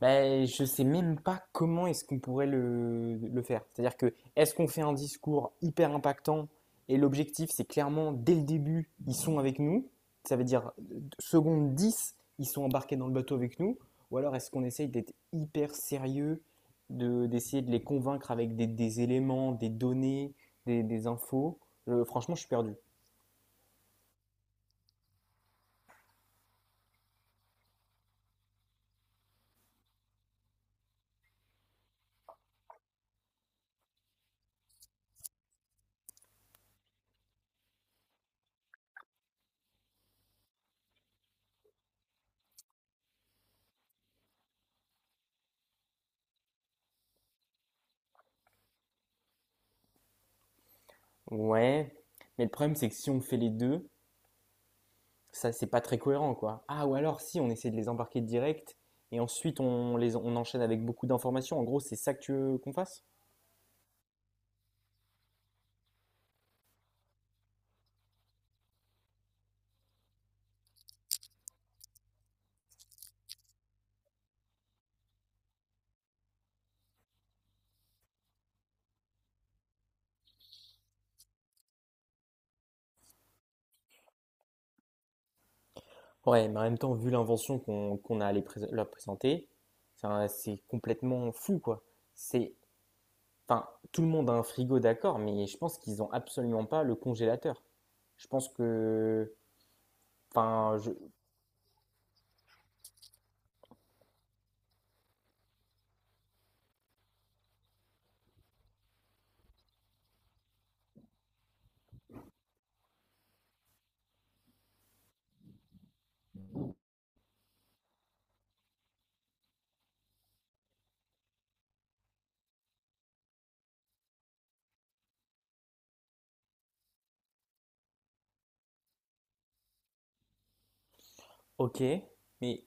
Je sais même pas comment est-ce qu'on pourrait le faire. C'est-à-dire, que est-ce qu'on fait un discours hyper impactant et l'objectif c'est clairement dès le début ils sont avec nous, ça veut dire seconde 10 ils sont embarqués dans le bateau avec nous, ou alors est-ce qu'on essaye d'être hyper sérieux, d'essayer de les convaincre avec des éléments, des données, des infos. Franchement, je suis perdu. Ouais, mais le problème c'est que si on fait les deux, ça c'est pas très cohérent, quoi. Ah, ou alors si on essaie de les embarquer direct et ensuite on enchaîne avec beaucoup d'informations. En gros, c'est ça que tu veux qu'on fasse? Ouais, mais en même temps, vu l'invention qu'on a à leur présenter, c'est complètement fou, quoi. C'est enfin tout le monde a un frigo, d'accord, mais je pense qu'ils ont absolument pas le congélateur. Je pense que, enfin, je... Ok, mais,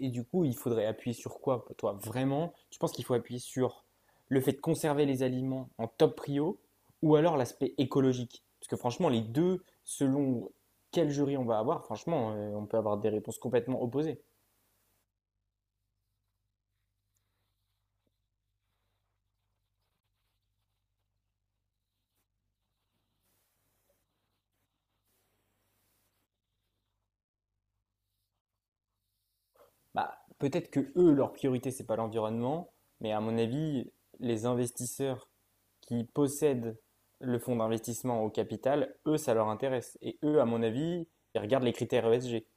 et du coup, il faudrait appuyer sur quoi, toi, vraiment? Tu penses qu'il faut appuyer sur le fait de conserver les aliments en top prio, ou alors l'aspect écologique? Parce que franchement, les deux, selon quel jury on va avoir, franchement, on peut avoir des réponses complètement opposées. Bah, peut-être que eux, leur priorité, c'est pas l'environnement, mais à mon avis, les investisseurs qui possèdent le fonds d'investissement au capital, eux, ça leur intéresse. Et eux, à mon avis, ils regardent les critères ESG.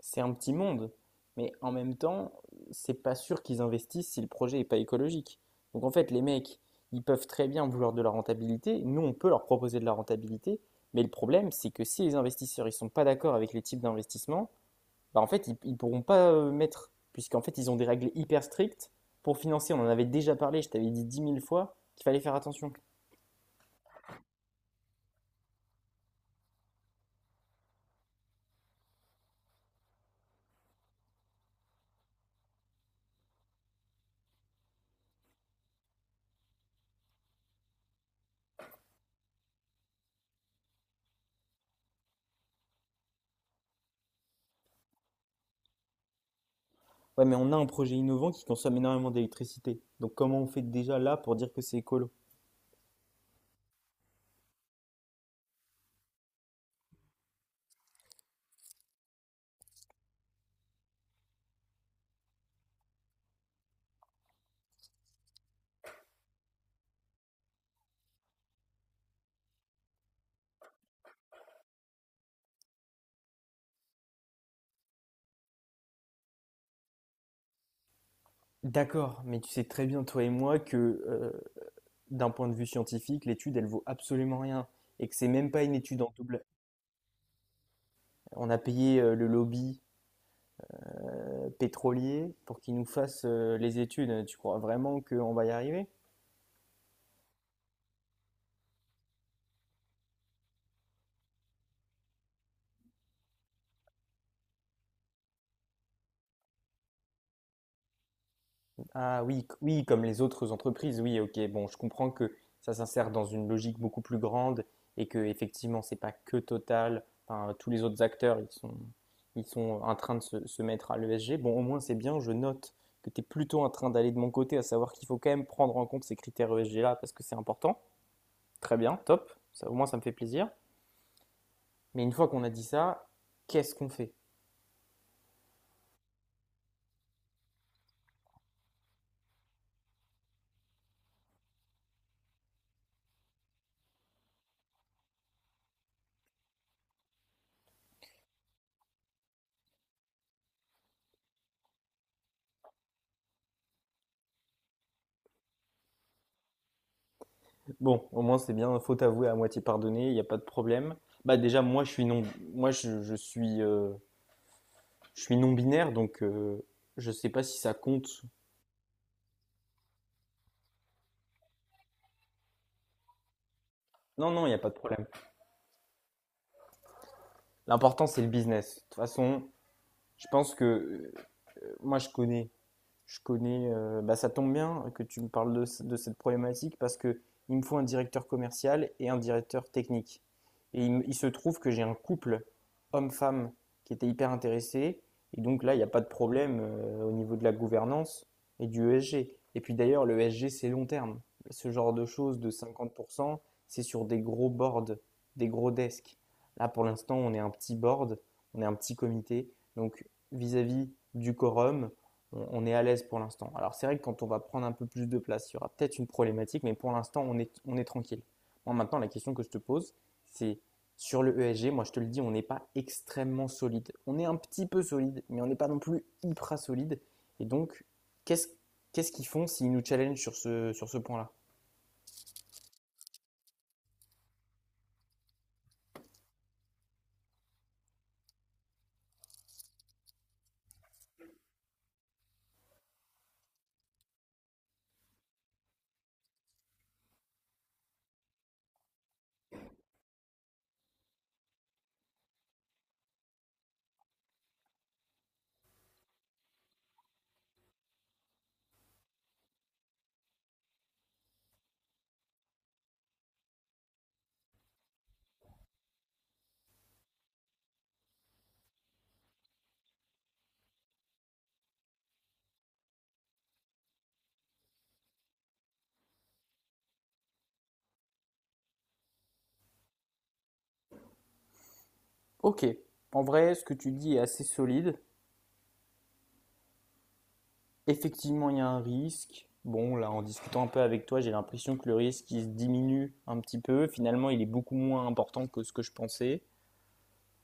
C'est un petit monde, mais en même temps, c'est pas sûr qu'ils investissent si le projet est pas écologique. Donc en fait, les mecs, ils peuvent très bien vouloir de la rentabilité. Nous, on peut leur proposer de la rentabilité, mais le problème, c'est que si les investisseurs ils sont pas d'accord avec les types d'investissement, bah en fait, ils pourront pas mettre, puisqu'en fait, ils ont des règles hyper strictes pour financer. On en avait déjà parlé, je t'avais dit 10 000 fois qu'il fallait faire attention. Ouais, mais on a un projet innovant qui consomme énormément d'électricité. Donc comment on fait déjà là pour dire que c'est écolo? D'accord, mais tu sais très bien, toi et moi, que euh, d'un point de vue scientifique, l'étude, elle vaut absolument rien. Et que c'est même pas une étude en double. On a payé le lobby pétrolier pour qu'il nous fasse les études. Tu crois vraiment qu'on va y arriver? Ah oui, oui, comme les autres entreprises, oui, ok. Bon, je comprends que ça s'insère dans une logique beaucoup plus grande et que effectivement, c'est pas que Total. Enfin, tous les autres acteurs, ils sont en train de se mettre à l'ESG. Bon, au moins, c'est bien. Je note que tu es plutôt en train d'aller de mon côté, à savoir qu'il faut quand même prendre en compte ces critères ESG-là parce que c'est important. Très bien, top. Ça, au moins, ça me fait plaisir. Mais une fois qu'on a dit ça, qu'est-ce qu'on fait? Bon, au moins c'est bien, faute avouée à moitié pardonnée, il n'y a pas de problème. Bah déjà moi je suis non moi je suis non binaire, donc je sais pas si ça compte. Non, non, il n'y a pas de problème. L'important c'est le business. De toute façon, je pense que, moi je connais Je connais, bah, ça tombe bien que tu me parles de cette problématique, parce que il me faut un directeur commercial et un directeur technique. Et il se trouve que j'ai un couple homme-femme qui était hyper intéressé. Et donc là, il n'y a pas de problème au niveau de la gouvernance et du ESG. Et puis d'ailleurs, le ESG, c'est long terme. Ce genre de choses de 50%, c'est sur des gros boards, des gros desks. Là, pour l'instant, on est un petit board, on est un petit comité. Donc, vis-à-vis du quorum, on est à l'aise pour l'instant. Alors, c'est vrai que quand on va prendre un peu plus de place, il y aura peut-être une problématique, mais pour l'instant, on est tranquille. Moi maintenant, la question que je te pose, c'est sur le ESG, moi je te le dis, on n'est pas extrêmement solide. On est un petit peu solide, mais on n'est pas non plus hyper solide. Et donc, qu'est-ce qu'est-ce qu'ils font s'ils nous challengent sur ce point-là? Ok, en vrai, ce que tu dis est assez solide. Effectivement, il y a un risque. Bon, là, en discutant un peu avec toi, j'ai l'impression que le risque, il se diminue un petit peu. Finalement, il est beaucoup moins important que ce que je pensais.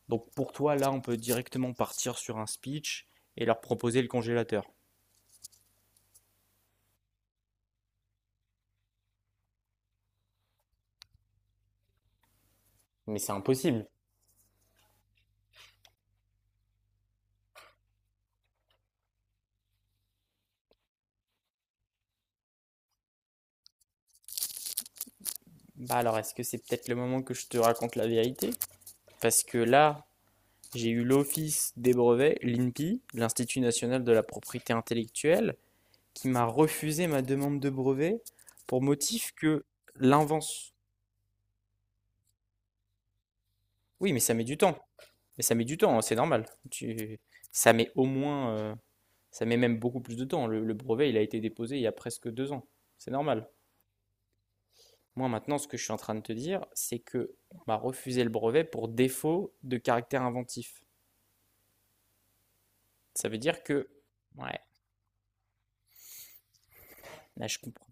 Donc pour toi, là, on peut directement partir sur un speech et leur proposer le congélateur. Mais c'est impossible. Bah alors, est-ce que c'est peut-être le moment que je te raconte la vérité? Parce que là, j'ai eu l'Office des brevets, l'INPI, l'Institut national de la propriété intellectuelle, qui m'a refusé ma demande de brevet pour motif que l'invention... Oui, mais ça met du temps. Mais ça met du temps, hein, c'est normal. Tu... Ça met au moins, ça met même beaucoup plus de temps. Le brevet, il a été déposé il y a presque 2 ans. C'est normal. Moi, maintenant, ce que je suis en train de te dire, c'est que on m'a refusé le brevet pour défaut de caractère inventif. Ça veut dire que, ouais, là, je comprends.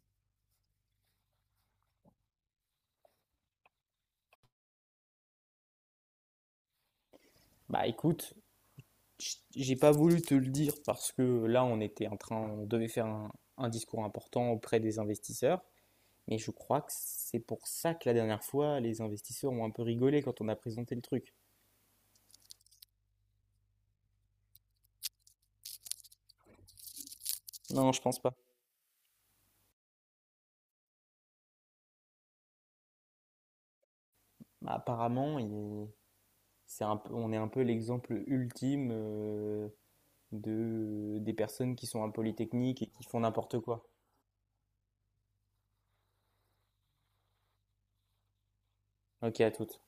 Bah, écoute, j'ai pas voulu te le dire parce que là, on était en train, on devait faire un discours important auprès des investisseurs. Mais je crois que c'est pour ça que la dernière fois, les investisseurs ont un peu rigolé quand on a présenté le truc. Non, je pense pas. Bah, apparemment, on est un peu l'exemple ultime des personnes qui sont à Polytechnique et qui font n'importe quoi. Ok, à toutes.